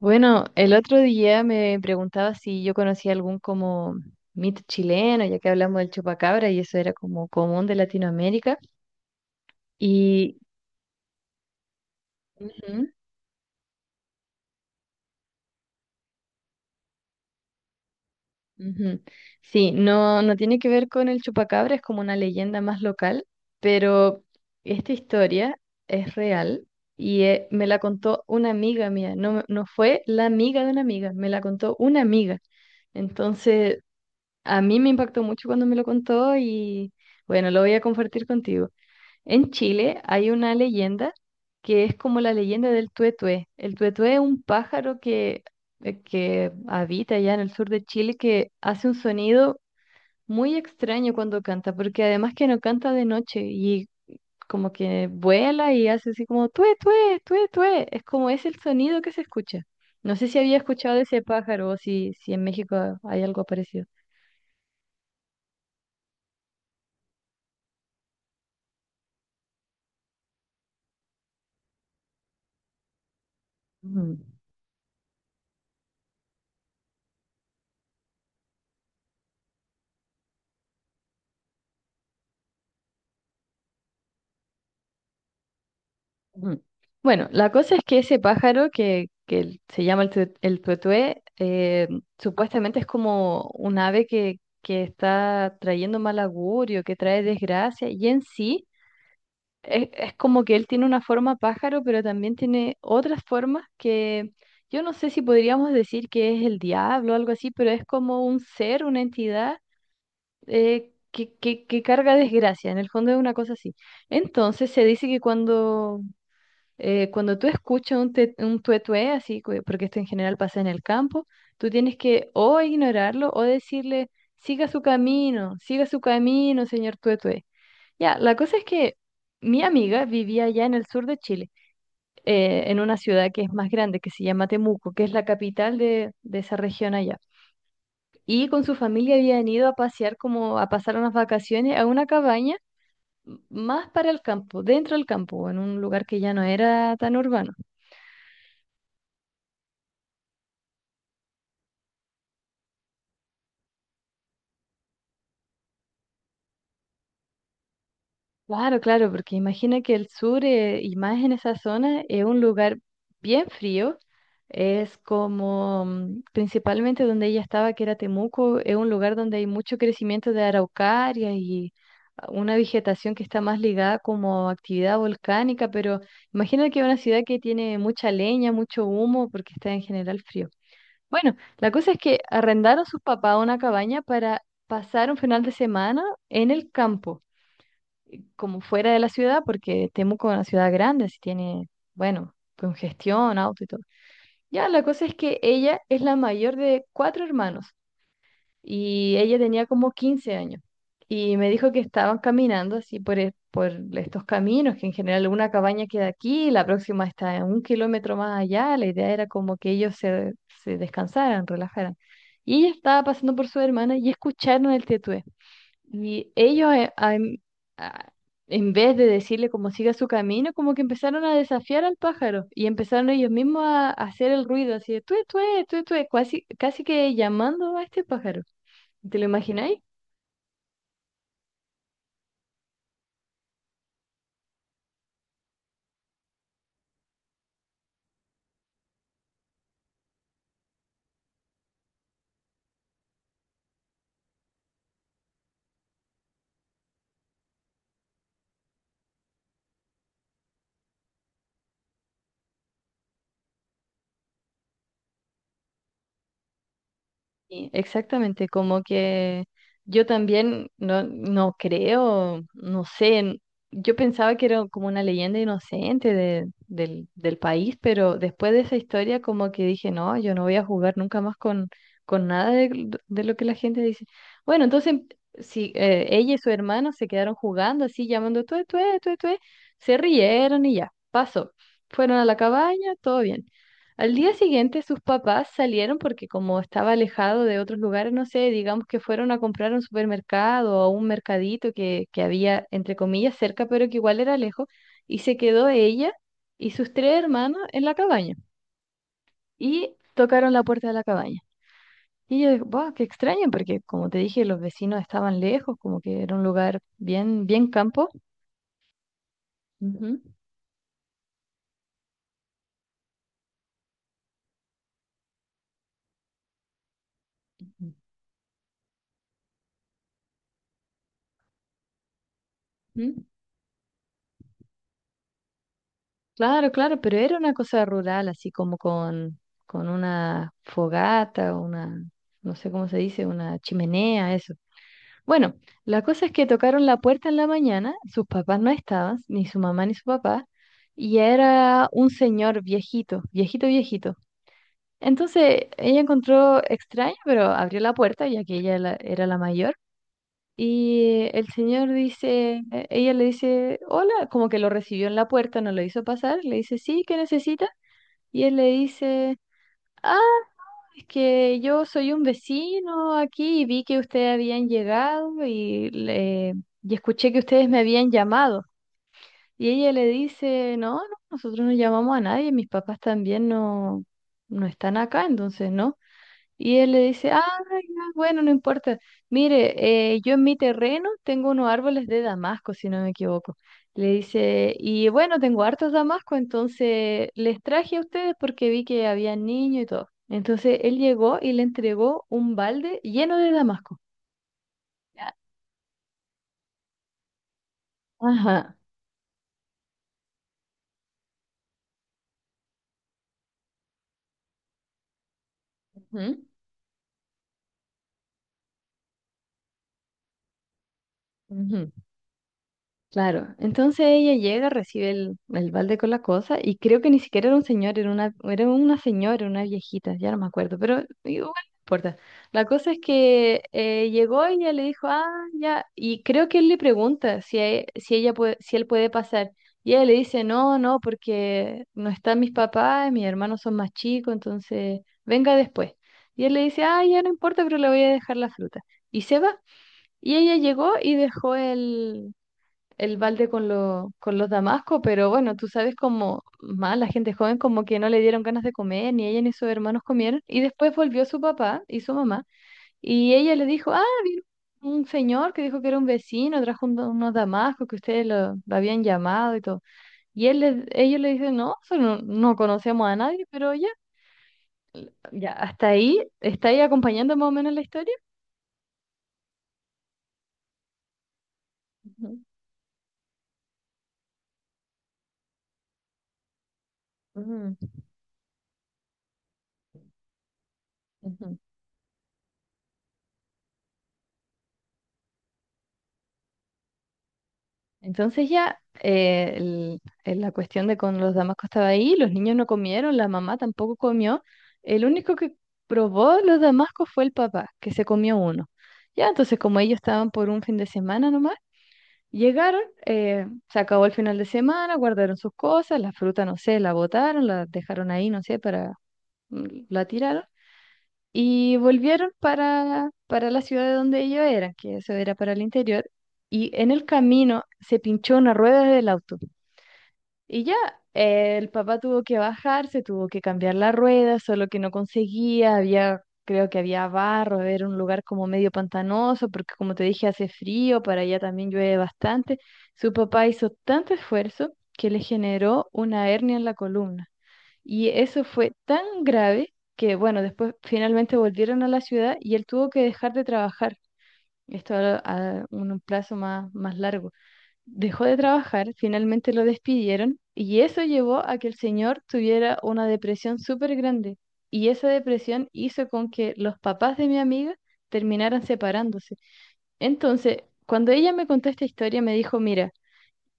Bueno, el otro día me preguntaba si yo conocía algún como mito chileno, ya que hablamos del chupacabra y eso era como común de Latinoamérica. Y Ujú, ujú. Sí, no tiene que ver con el chupacabra, es como una leyenda más local, pero esta historia es real y me la contó una amiga mía, no, no fue la amiga de una amiga, me la contó una amiga. Entonces A mí me impactó mucho cuando me lo contó y bueno, lo voy a compartir contigo. En Chile hay una leyenda que es como la leyenda del tuetué. El tuetué es un pájaro que habita allá en el sur de Chile, que hace un sonido muy extraño cuando canta, porque además que no canta de noche y como que vuela y hace así como tué, tué, tué, tué. Es como es el sonido que se escucha. No sé si había escuchado de ese pájaro o si en México hay algo parecido. Mm. Ujú. Bueno, la cosa es que ese pájaro que se llama el, el tuetué, supuestamente es como un ave que está trayendo mal augurio, que trae desgracia, y en sí es como que él tiene una forma pájaro, pero también tiene otras formas que yo no sé si podríamos decir que es el diablo o algo así, pero es como un ser, una entidad que carga desgracia, en el fondo es una cosa así. Entonces se dice que cuando tú escuchas un, un tuetué, así, porque esto en general pasa en el campo, tú tienes que o ignorarlo o decirle, siga su camino, señor tuetué. Ya, la cosa es que mi amiga vivía allá en el sur de Chile, en una ciudad que es más grande, que se llama Temuco, que es la capital de esa región allá. Y con su familia habían ido a pasear, como a pasar unas vacaciones a una cabaña más para el campo, dentro del campo, en un lugar que ya no era tan urbano. Claro, claro, porque imagina que el sur, y más en esa zona, es un lugar bien frío. Es como, principalmente donde ella estaba, que era Temuco, es un lugar donde hay mucho crecimiento de araucaria y una vegetación que está más ligada como a actividad volcánica, pero imagina que es una ciudad que tiene mucha leña, mucho humo, porque está en general frío. Bueno, la cosa es que arrendaron sus papás una cabaña para pasar un final de semana en el campo, como fuera de la ciudad, porque Temuco es una ciudad grande, así tiene, bueno, congestión, auto y todo. Ya, la cosa es que ella es la mayor de cuatro hermanos y ella tenía como 15 años. Y me dijo que estaban caminando así por estos caminos, que en general una cabaña queda aquí, la próxima está a 1 kilómetro más allá. La idea era como que se descansaran, relajaran. Y ella estaba pasando por su hermana y escucharon el tetué. Y ellos, a- en vez de decirle cómo siga su camino, como que empezaron a desafiar al pájaro y empezaron ellos mismos a hacer el ruido así de tué, tué, tué, tué, casi, casi que llamando a este pájaro. ¿Te lo imagináis? Sí, exactamente, como que yo también no creo, no sé, yo pensaba que era como una leyenda inocente del país, pero después de esa historia como que dije, no, yo no voy a jugar nunca más con nada de, de lo que la gente dice. Bueno, entonces si ella y su hermano se quedaron jugando así, llamando tué, tué, tué, tué, se rieron y ya, pasó. Fueron a la cabaña, todo bien. Al día siguiente sus papás salieron porque como estaba alejado de otros lugares, no sé, digamos que fueron a comprar a un supermercado o a un mercadito que había, entre comillas, cerca, pero que igual era lejos, y se quedó ella y sus tres hermanos en la cabaña. Y tocaron la puerta de la cabaña. Y yo dije, wow, qué extraño, porque como te dije, los vecinos estaban lejos, como que era un lugar bien, bien campo. Ujú. ¿Mm? Claro, claro, pero era una cosa rural, así como con una fogata, una, no sé cómo se dice, una chimenea, eso. Bueno, la cosa es que tocaron la puerta en la mañana, sus papás no estaban, ni su mamá ni su papá, y era un señor viejito, viejito, viejito. Entonces ella encontró extraño, pero abrió la puerta, ya que ella era la mayor, y el señor dice, ella le dice, hola, como que lo recibió en la puerta, no lo hizo pasar, le dice, sí, ¿qué necesita? Y él le dice, ah, es que yo soy un vecino aquí y vi que ustedes habían llegado y escuché que ustedes me habían llamado. Y ella le dice, no, no, nosotros no llamamos a nadie, mis papás también no, no están acá, entonces no. Y él le dice, ah, ya, bueno, no importa. Mire, yo en mi terreno tengo unos árboles de damasco, si no me equivoco. Le dice, y bueno, tengo hartos damascos, entonces les traje a ustedes porque vi que había niños y todo. Entonces él llegó y le entregó un balde lleno de damasco. Ya. Ajá. Ujú, ujú. Claro, entonces ella llega, recibe el balde con la cosa y creo que ni siquiera era un señor, era una señora, una viejita, ya no me acuerdo, pero igual no importa. La cosa es que llegó y ella le dijo, ah, ya, y creo que él le pregunta si él puede pasar. Y ella le dice, no, no, porque no están mis papás, mis hermanos son más chicos, entonces venga después. Y él le dice, ah, ya no importa, pero le voy a dejar la fruta. Y se va. Y ella llegó y dejó el balde con, con los damascos, pero bueno, tú sabes como más la gente joven como que no le dieron ganas de comer, ni ella ni sus hermanos comieron, y después volvió su papá y su mamá, y ella le dijo, ah, un señor que dijo que era un vecino, trajo unos damascos que lo habían llamado y todo, y ellos le dicen, no, eso no, no conocemos a nadie, pero ya, ya, hasta ahí, ¿está ahí acompañando más o menos la historia? Ujú, ujú, ujú. Entonces ya la cuestión de con los damascos estaba ahí, los niños no comieron, la mamá tampoco comió. El único que probó los damascos fue el papá, que se comió uno. Ya, entonces como ellos estaban por un fin de semana nomás, llegaron, se acabó el final de semana, guardaron sus cosas, la fruta, no sé, la botaron, la dejaron ahí, no sé, para, la tiraron. Y volvieron para la ciudad de donde ellos eran, que eso era para el interior, y en el camino se pinchó una rueda del auto. Y ya, el papá tuvo que bajarse, tuvo que cambiar la rueda, solo que no conseguía, había, creo que había barro, era un lugar como medio pantanoso, porque como te dije, hace frío, para allá también llueve bastante. Su papá hizo tanto esfuerzo que le generó una hernia en la columna. Y eso fue tan grave que, bueno, después finalmente volvieron a la ciudad y él tuvo que dejar de trabajar. Esto a un plazo más, más largo. Dejó de trabajar, finalmente lo despidieron y eso llevó a que el señor tuviera una depresión súper grande. Y esa depresión hizo con que los papás de mi amiga terminaran separándose. Entonces, cuando ella me contó esta historia, me dijo, mira,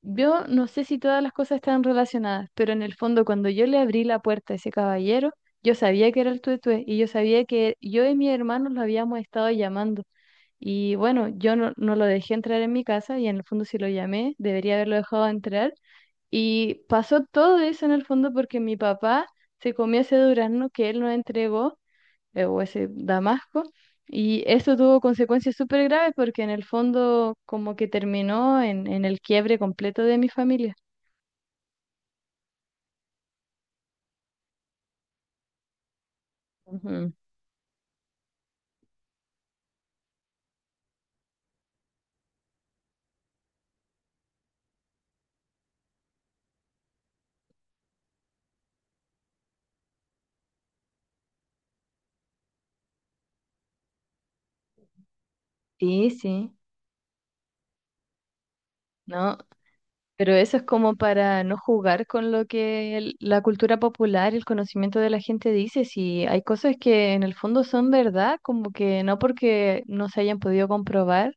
yo no sé si todas las cosas están relacionadas, pero en el fondo cuando yo le abrí la puerta a ese caballero, yo sabía que era el tuetué y yo sabía que yo y mi hermano lo habíamos estado llamando. Y bueno, yo no lo dejé entrar en mi casa y en el fondo si lo llamé, debería haberlo dejado entrar. Y pasó todo eso en el fondo porque mi papá se comió ese durazno que él nos entregó o ese Damasco. Y eso tuvo consecuencias súper graves porque en el fondo como que terminó en el quiebre completo de mi familia. Ujú. Sí, sí, no. Pero eso es como para no jugar con lo que la cultura popular, el conocimiento de la gente dice. Si hay cosas que en el fondo son verdad, como que no porque no se hayan podido comprobar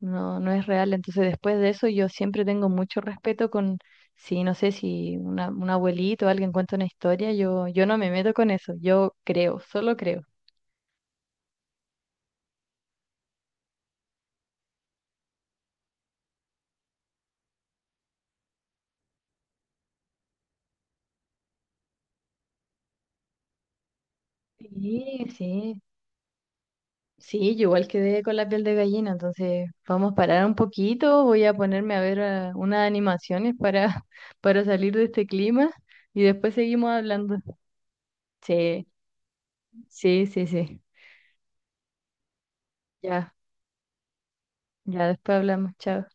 no, no es real. Entonces, después de eso, yo siempre tengo mucho respeto con, si no sé, si una, un abuelito o alguien cuenta una historia, yo no me meto con eso, yo creo, solo creo. Sí, sí, sí, yo igual quedé con la piel de gallina, entonces vamos a parar un poquito, voy a ponerme a ver unas animaciones para, para salir de este clima y después seguimos hablando. Sí, sí, sí, sí, ya, ya después hablamos, chao.